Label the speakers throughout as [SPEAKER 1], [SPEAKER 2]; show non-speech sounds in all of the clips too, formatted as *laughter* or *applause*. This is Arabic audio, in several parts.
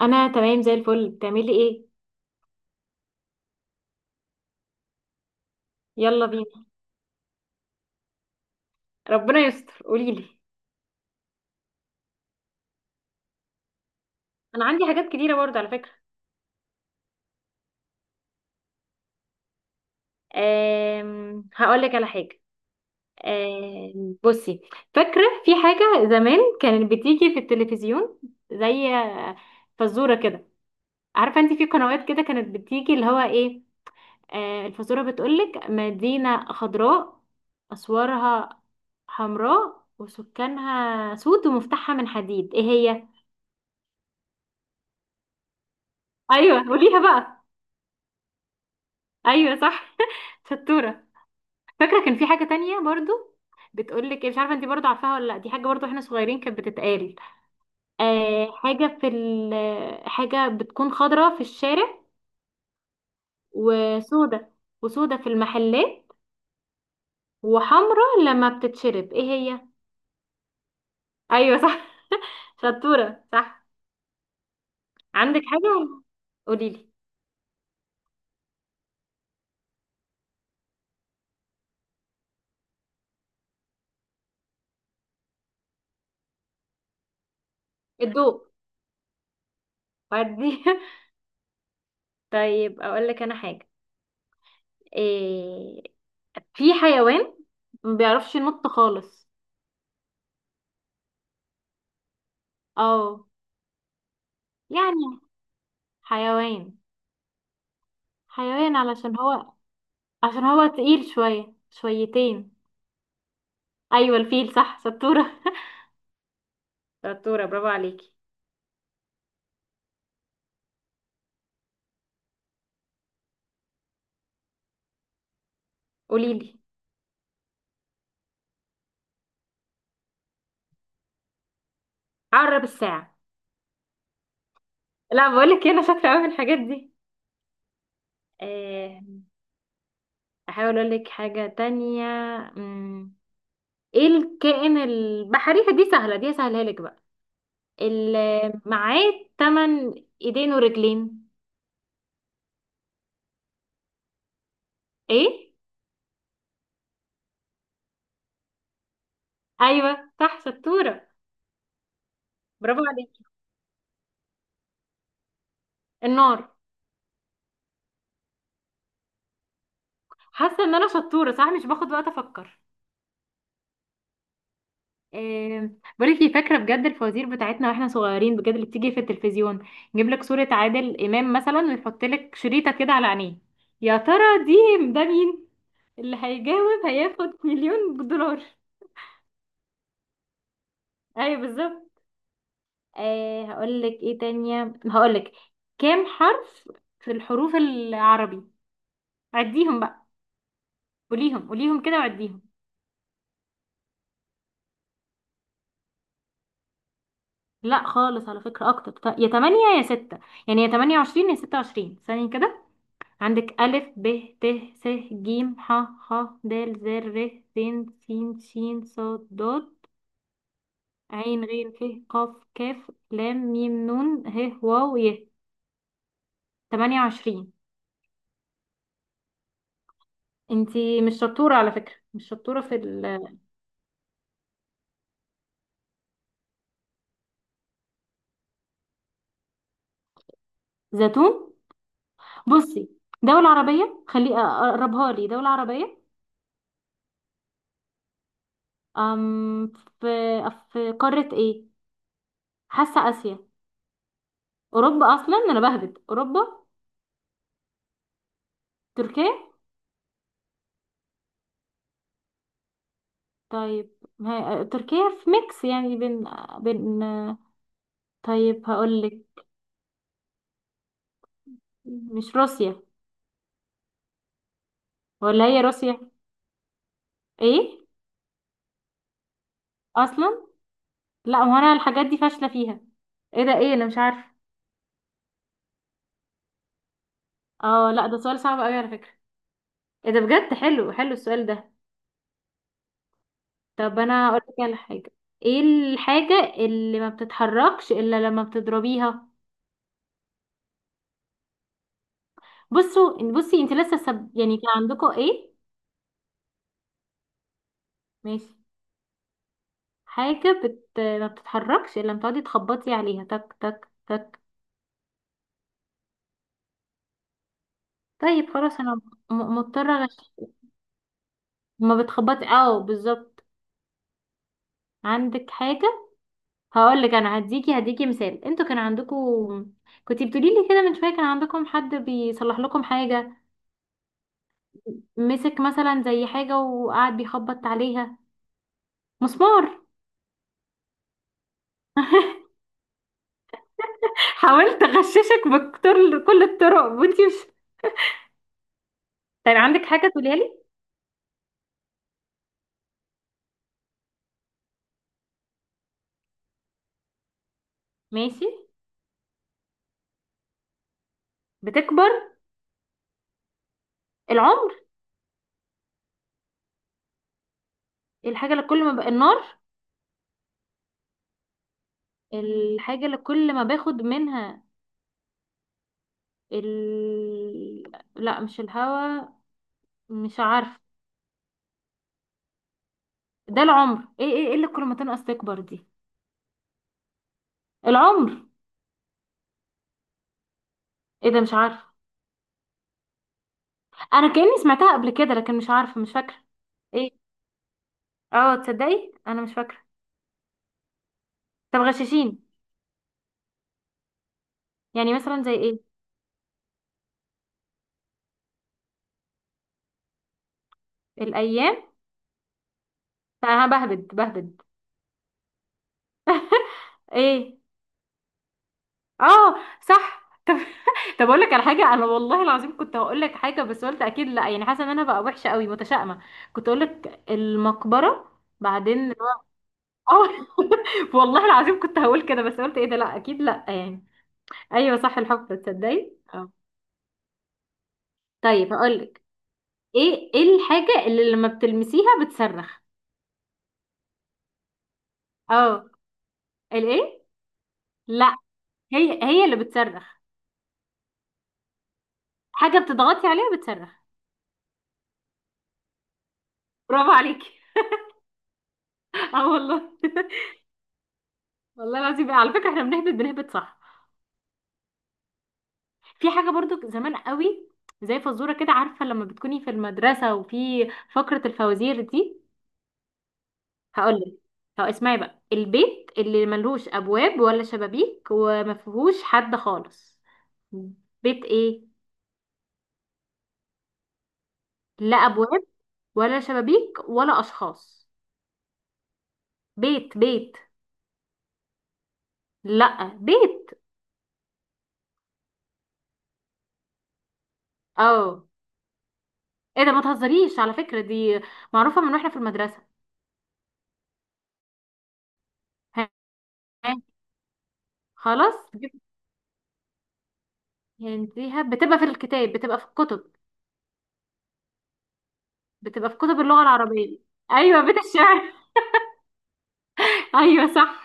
[SPEAKER 1] انا تمام زي الفل، بتعملي ايه؟ يلا بينا. ربنا يستر، قولي لي. انا عندي حاجات كتيره برضه على فكره. هقول لك على حاجه. بصي. فاكره في حاجه زمان كانت بتيجي في التلفزيون، زي فزوره كده. عارفه انت في قنوات كده كانت بتيجي اللي هو ايه؟ الفزوره بتقولك: مدينه خضراء، اسوارها حمراء، وسكانها سود، ومفتاحها من حديد، ايه هي؟ ايوه قوليها بقى. ايوه صح *laughs* شطوره. فاكره كان في حاجه تانية برضو، بتقولك إيه، مش عارفه انت برضو عارفاها ولا لا، دي حاجه برضو احنا صغيرين كانت بتتقال. آه حاجه في ال حاجه بتكون خضرة في الشارع، وسودة وسودة في المحلات، وحمرة لما بتتشرب، ايه هي؟ ايوه صح *laughs* شطوره صح. عندك حاجه؟ قولي لي. الضوء. فردي *laughs* طيب اقول لك انا حاجه. إيه؟ في حيوان ما بيعرفش ينط خالص. اه. يعني حيوان. حيوان علشان هو عشان هو تقيل شوية شويتين. أيوة الفيل صح، شطورة شطورة *laughs* برافو عليكي. قوليلي. عقرب الساعة. لا، بقولك إيه، أنا شاطرة أوي في الحاجات دي. آه، أحاول أقولك حاجة تانية. مم، إيه الكائن البحري؟ دي سهلة، دي سهلها لك بقى، اللي معاه تمن إيدين ورجلين. إيه؟ أيوة صح شطورة، برافو عليكي. النار. حاسة إن أنا شطورة صح، مش باخد وقت أفكر. آه، بقولك ايه، فاكره بجد الفوازير بتاعتنا واحنا صغيرين، بجد اللي بتيجي في التلفزيون. نجيب لك صوره عادل امام مثلا ويحط لك شريطه كده على عينيه، يا ترى ده مين؟ اللي هيجاوب هياخد مليون دولار. ايوه بالظبط. هقول لك ايه تانية، هقول لك كام حرف في الحروف العربي؟ عديهم بقى، قوليهم قوليهم كده وعديهم. لا خالص، على فكره اكتر، يا 8 يا 6، يعني يا 28 يا 26 ثانيه كده. عندك ألف ب ت س ج ح خ د ذ ر س ش ص ض عين غين ف قاف كاف لام ميم نون ه واو ي 28. انتي مش شطورة على فكرة، مش شطورة في الزيتون. بصي، دولة عربية، خلي اقربها لي، دولة عربية. أم في في قارة ايه؟ حاسة آسيا. أوروبا؟ أصلا أنا بهبد، أوروبا. تركيا. طيب ما هي تركيا في ميكس، يعني بين. طيب هقولك، مش روسيا؟ ولا هي روسيا؟ ايه؟ اصلا لا، ما هو انا الحاجات دي فاشله فيها. ايه ده، ايه، انا مش عارفه. اه لا، ده سؤال صعب قوي على فكره. ايه ده بجد، حلو حلو السؤال ده. طب انا هقول لك على حاجه، ايه الحاجه اللي ما بتتحركش الا لما بتضربيها؟ بصي انت لسه يعني كان عندكم ايه؟ ماشي. حاجه ما بتتحركش الا لما تقعدي تخبطي عليها، تك تك تك. طيب خلاص انا مضطرة أغش-. ما بتخبطي، اه بالظبط. عندك حاجة؟ هقول لك انا، هديكي مثال. انتوا كان عندكم، كنتي بتقولي لي كده من شوية، كان عندكم حد بيصلح لكم حاجة، مسك مثلا زي حاجة وقعد بيخبط عليها. مسمار. *laughs* حاولت اغششك بكتر كل الطرق وانتي مش. طيب عندك حاجة تقوليها لي؟ ماشي. بتكبر. العمر. الحاجة اللي كل ما النار. الحاجة اللي كل ما باخد منها ال... لا مش الهوا، مش عارفه. ده العمر؟ ايه اللي كل ما تنقص تكبر دي؟ العمر؟ ايه ده، مش عارفه. انا كأني سمعتها قبل كده لكن مش عارفه، مش فاكره. ايه؟ اه، تصدقي انا مش فاكره. طب غششين. يعني مثلا زي ايه؟ الايام. انا بهبد بهبد. ايه؟ اه صح *laughs* طب اقول لك على حاجه. انا والله العظيم كنت هقول لك حاجه بس قلت اكيد لا، يعني حاسه ان انا بقى وحشه قوي متشائمه. كنت اقول لك المقبره. بعدين. اه. *laughs* والله العظيم كنت هقول كده بس قلت ايه ده، لا اكيد لا يعني. ايوه صح، الحفرة، تصدقي، اه. طيب هقول لك، ايه الحاجة اللي لما بتلمسيها بتصرخ؟ اه. الايه؟ لا. هي هي اللي بتصرخ. حاجة بتضغطي عليها بتصرخ. برافو عليكي *laughs* اه والله، والله العظيم على فكرة احنا بنهبط بنهبط صح. في حاجة برضو زمان قوي، زي فزورة كده، عارفة لما بتكوني في المدرسة وفي فقرة الفوازير دي. هقول لك. هو اسمعي بقى، البيت اللي ملهوش ابواب ولا شبابيك وما فيهوش حد خالص، بيت ايه؟ لا ابواب ولا شبابيك ولا اشخاص. بيت بيت. لا بيت. اه. ايه ده، ما تهزريش على فكرة، دي معروفة من واحنا في المدرسة. ها. ها، خلاص. هنتيها بتبقى في الكتاب، بتبقى في الكتب، بتبقى في كتب اللغة العربية، ايوه بيت الشعر. *laughs* ايوه صح.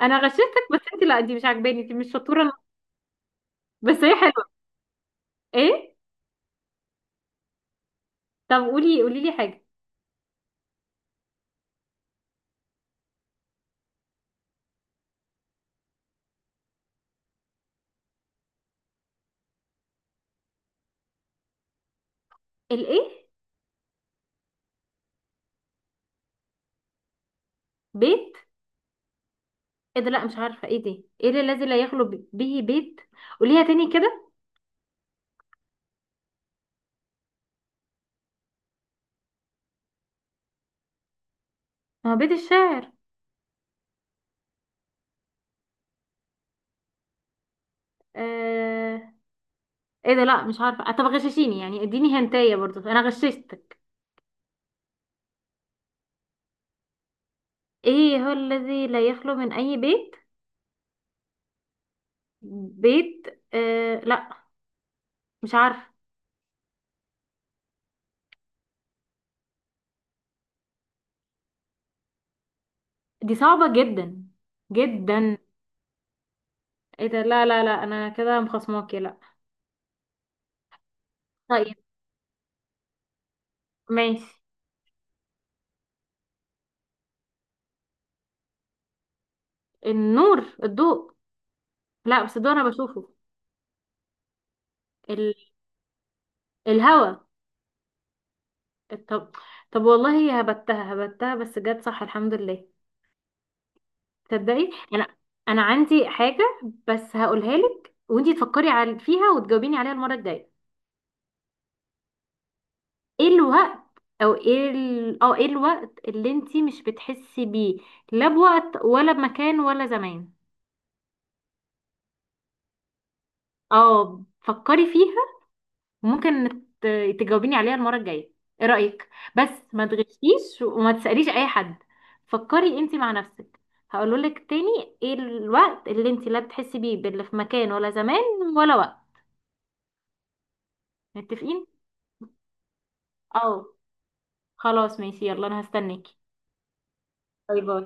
[SPEAKER 1] انا غششتك، بس انت لا دي مش عاجباني، انت مش شطورة. بس هي حلوة. ايه؟ طب قولي قولي لي حاجه. الايه؟ بيت؟ ايه ده لا، مش عارفه ايه دي. ايه ده الذي لا يخلو به بيت؟ قوليها تاني كده. ما هو بيت الشاعر؟ آه... ايه ده لا، مش عارفه. طب غششيني يعني، اديني هنتايه، برضو انا غششتك. ايه هو الذي لا يخلو من اي بيت؟ بيت؟ لا مش عارفه. دي صعبه جدا جدا. ايه ده لا لا لا، انا كده مخصماكي لا. طيب ماشي. النور، الضوء. لا بس الضوء انا بشوفه. ال... الهوا. طب طب والله هي هبتها هبتها بس جت صح، الحمد لله. تصدقي انا عندي حاجه، بس هقولها لك وانتي تفكري على فيها وتجاوبيني عليها المره الجايه. ايه الوقت او ايه ال... اه ايه الوقت اللي انتي مش بتحسي بيه، لا بوقت ولا بمكان ولا زمان؟ اه، فكري فيها. وممكن ت- تجاوبيني عليها المرة الجاية. ايه رأيك؟ بس ما تغشيش وما تسأليش اي حد. فكري انت مع نفسك. هقوله لك تاني، ايه الوقت اللي انت لا بتحسي بيه باللي في مكان ولا زمان ولا وقت؟ متفقين. اه، خلاص ماشي، يلا انا هستناكي. باي باي.